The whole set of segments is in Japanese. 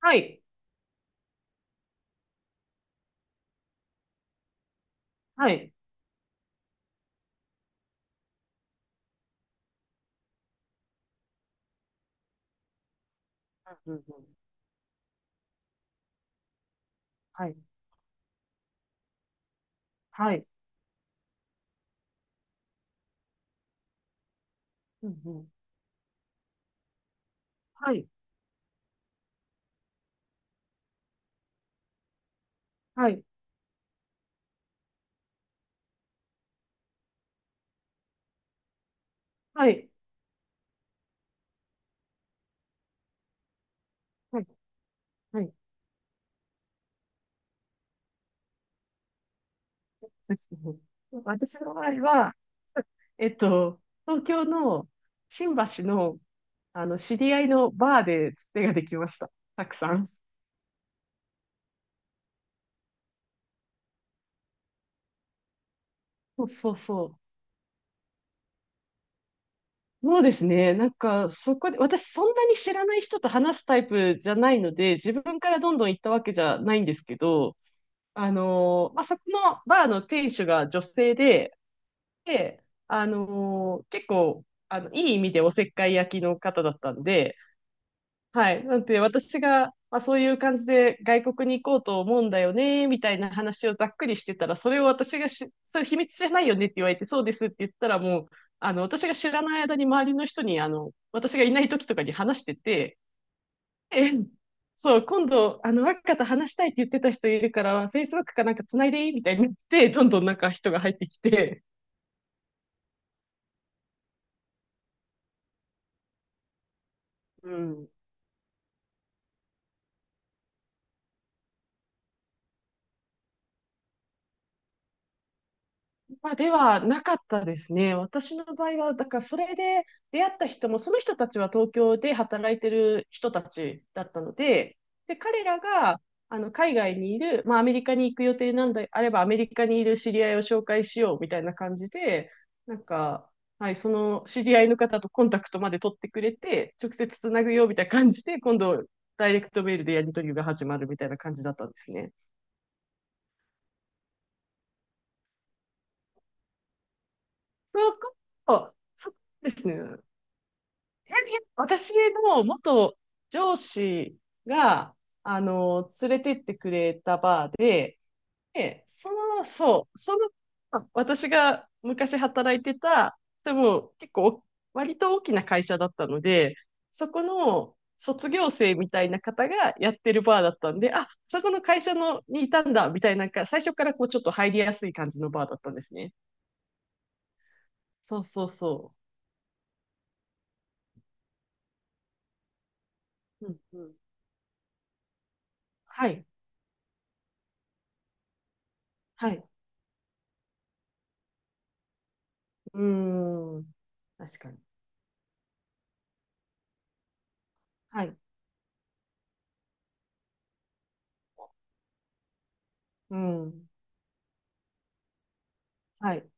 はい。はい。うんうんうん。はい。はい。うんうん。はい。はい。はい。はい。はい。私の場合は、えっと、東京の新橋の、知り合いのバーでつてができました。たくさん。そうそうそう。そうですね。なんか、そこで、私そんなに知らない人と話すタイプじゃないので、自分からどんどん行ったわけじゃないんですけど、そこのバーの店主が女性で、で、結構、いい意味でおせっかい焼きの方だったんで、はい。なんで、私が、まあ、そういう感じで外国に行こうと思うんだよね、みたいな話をざっくりしてたら、それを私がし、それ秘密じゃないよねって言われて、そうですって言ったら、もう、私が知らない間に周りの人に、私がいない時とかに話してて、え、そう、今度、若田話したいって言ってた人いるから、Facebook かなんか繋いでいいみたいに言って、どんどんなんか人が入ってきて、うん。まあ、ではなかったですね。私の場合は、だからそれで出会った人も、その人たちは東京で働いてる人たちだったので、で、彼らがあの海外にいる、まあ、アメリカに行く予定なんであれば、アメリカにいる知り合いを紹介しようみたいな感じで、なんか、はい、その知り合いの方とコンタクトまで取ってくれて、直接つなぐよみたいな感じで、今度、ダイレクトメールでやり取りが始まるみたいな感じだったんですね。そこそこですね。私の元上司が、連れてってくれたバーで、で、あ私が昔働いてた、でも結構、割と大きな会社だったので、そこの卒業生みたいな方がやってるバーだったんで、あ、そこの会社のにいたんだ、みたいな、なんか最初からこうちょっと入りやすい感じのバーだったんですね。そうそうそう。うんうん。はい、はい。うん。確かに。はい。うん。はい。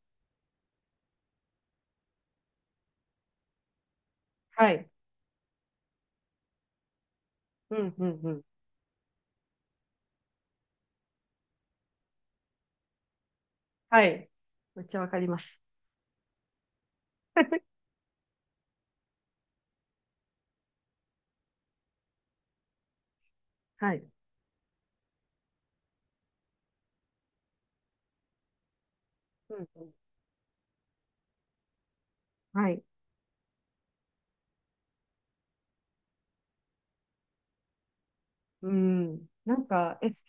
はい。うん、うん、うん。はい。めっちゃわかります。はい。うん、うん。はい。うん。なんか、S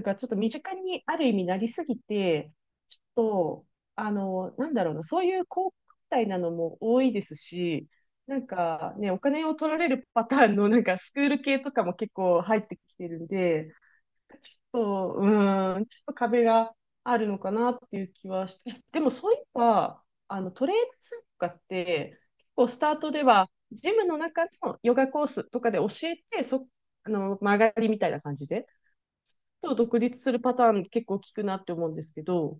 がちょっと身近にある意味なりすぎて、ちょっと、なんだろうな、そういう高価なのも多いですし、なんかね、お金を取られるパターンのなんかスクール系とかも結構入ってきてるんで、ちょっと、うーん、ちょっと壁があるのかなっていう気はして、でもそういえば、あのトレーナーさんとかって、結構スタートでは、ジムの中のヨガコースとかで教えて、曲がりみたいな感じで、と独立するパターン結構聞くなって思うんですけど、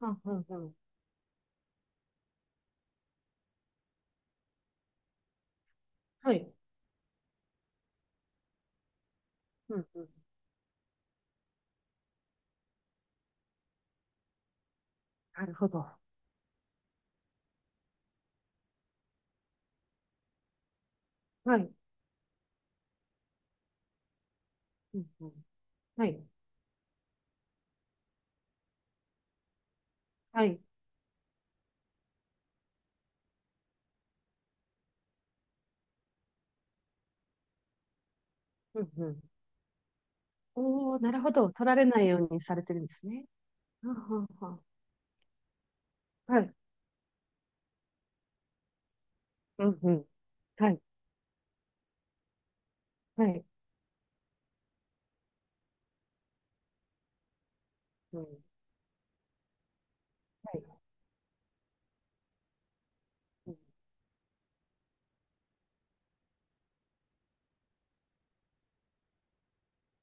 うんうんうん。はい、うんうん。なるほど。はい、うんうん。はい、はい。うんうん。おおなるほど。取られないようにされてるんですね。はははははい。うんうん。はい。はい。うん。はいうん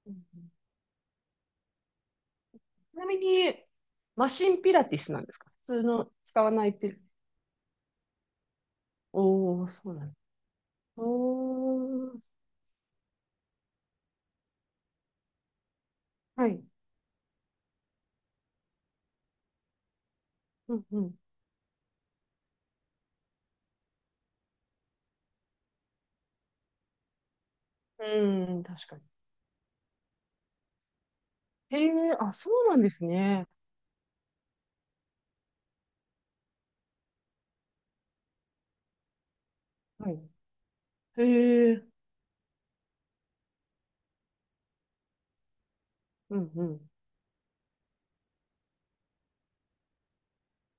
うんちなみに、マシンピラティスなんですか普通の使わないピラ、おー、そうなんです。おー、はい。うんうん。うん、確かに。へえ、あ、そうなんですね。はい。へえ、うんうん、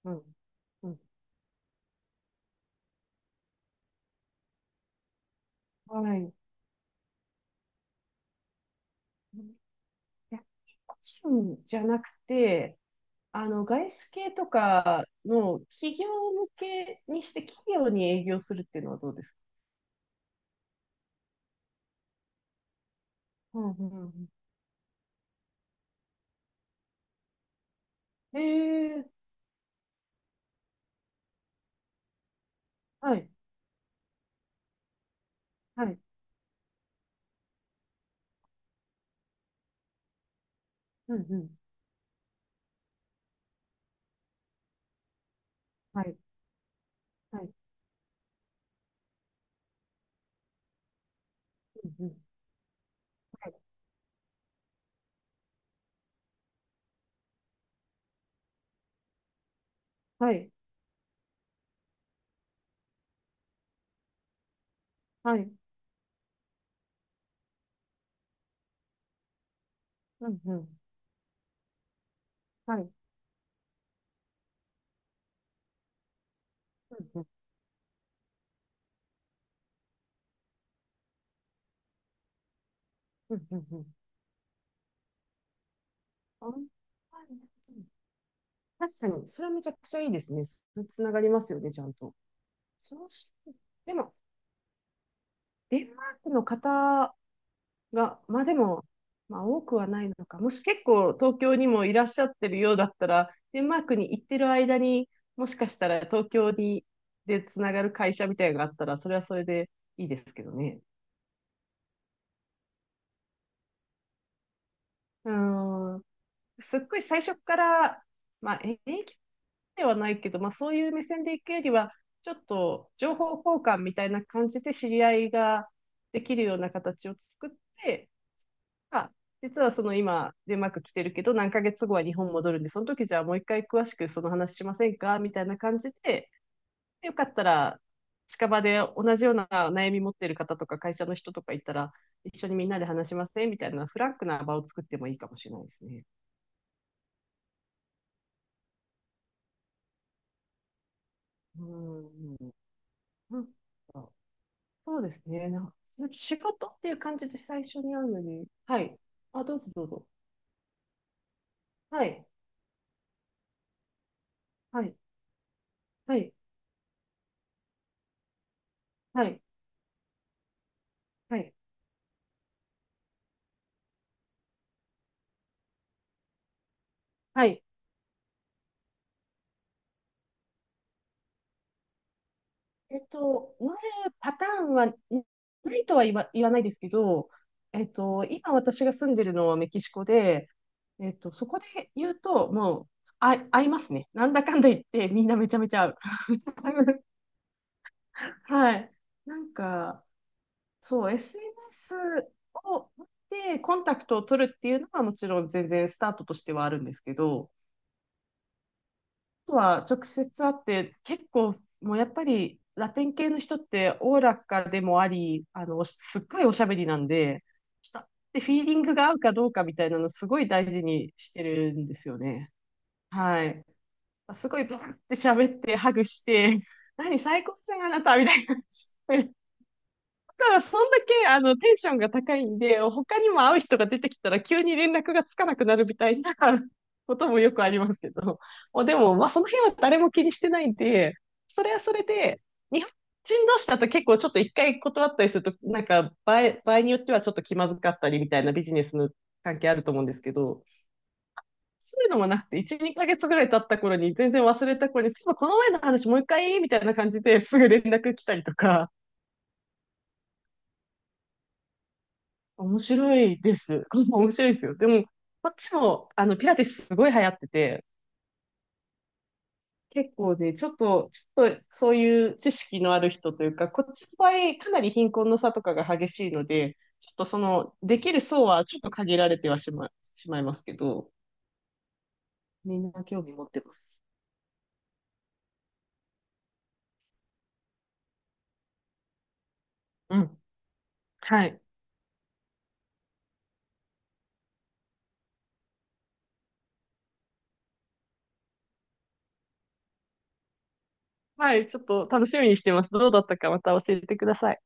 うん、うん。はい。いや、個人じゃなくて、あの、外資系とかの企業向けにして企業に営業するっていうのはどうですか？うんうんええはい、はい、うん、うん、はい、はい、うん、うん、はい、はい、はい、うん、うん、はい、うん、うん、うん、うん、うん。あんうん確かに、それはめちゃくちゃいいですね。つながりますよね、ちゃんと。そうし、でも、デンマークの方が、まあでも、まあ多くはないのか。もし結構東京にもいらっしゃってるようだったら、デンマークに行ってる間にもしかしたら東京にでつながる会社みたいなのがあったら、それはそれでいいですけどね。うーん、すっごい最初から、まあ英気ではないけど、まあそういう目線で行くよりは、ちょっと情報交換みたいな感じで知り合いができるような形を作って、あ実はその今、デンマーク来てるけど、何ヶ月後は日本戻るんで、その時じゃあもう一回詳しくその話しませんかみたいな感じで、でよかったら、近場で同じような悩み持ってる方とか会社の人とかいたら、一緒にみんなで話しませんみたいなフランクな場を作ってもいいかもしれないですね。うん。なんかそうですね。なんか仕事っていう感じで最初に会うのに。はい。あ、どうぞどうぞ。はい。はい。はい。はい。はい。はい。はいなるパターンはないとは言わ、言わないですけど、今私が住んでるのはメキシコで、そこで言うと、もう、あ、合いますね。なんだかんだ言って、みんなめちゃめちゃ合う。はい。なんか、そう、SNS を持ってコンタクトを取るっていうのはもちろん全然スタートとしてはあるんですけど、とは直接会って結構もうやっぱりラテン系の人っておおらかでもあり、すっごいおしゃべりなんで、人ってフィーリングが合うかどうかみたいなのすごい大事にしてるんですよね。はい。すごいバーって喋って、ハグして、何最高じゃん、あなたみたいな。ただからそんだけ、テンションが高いんで、他にも会う人が出てきたら急に連絡がつかなくなるみたいな こともよくありますけど。もうでも、まあ、その辺は誰も気にしてないんで、それはそれで、日本人同士だと結構ちょっと一回断ったりすると、場合によってはちょっと気まずかったりみたいなビジネスの関係あると思うんですけど、そういうのもなくて、1、2ヶ月ぐらい経った頃に全然忘れた頃に、そういえばこの前の話もう一回みたいな感じですぐ連絡来たりとか、面白いです。面白いですよ。でも、こっちも、ピラティスすごい流行ってて、結構ね、ちょっと、そういう知識のある人というか、こっちの場合、かなり貧困の差とかが激しいので、ちょっとその、できる層はちょっと限られてはしま、しまいますけど、みんな興味持ってます。うん。はい。はい、ちょっと楽しみにしてます。どうだったかまた教えてください。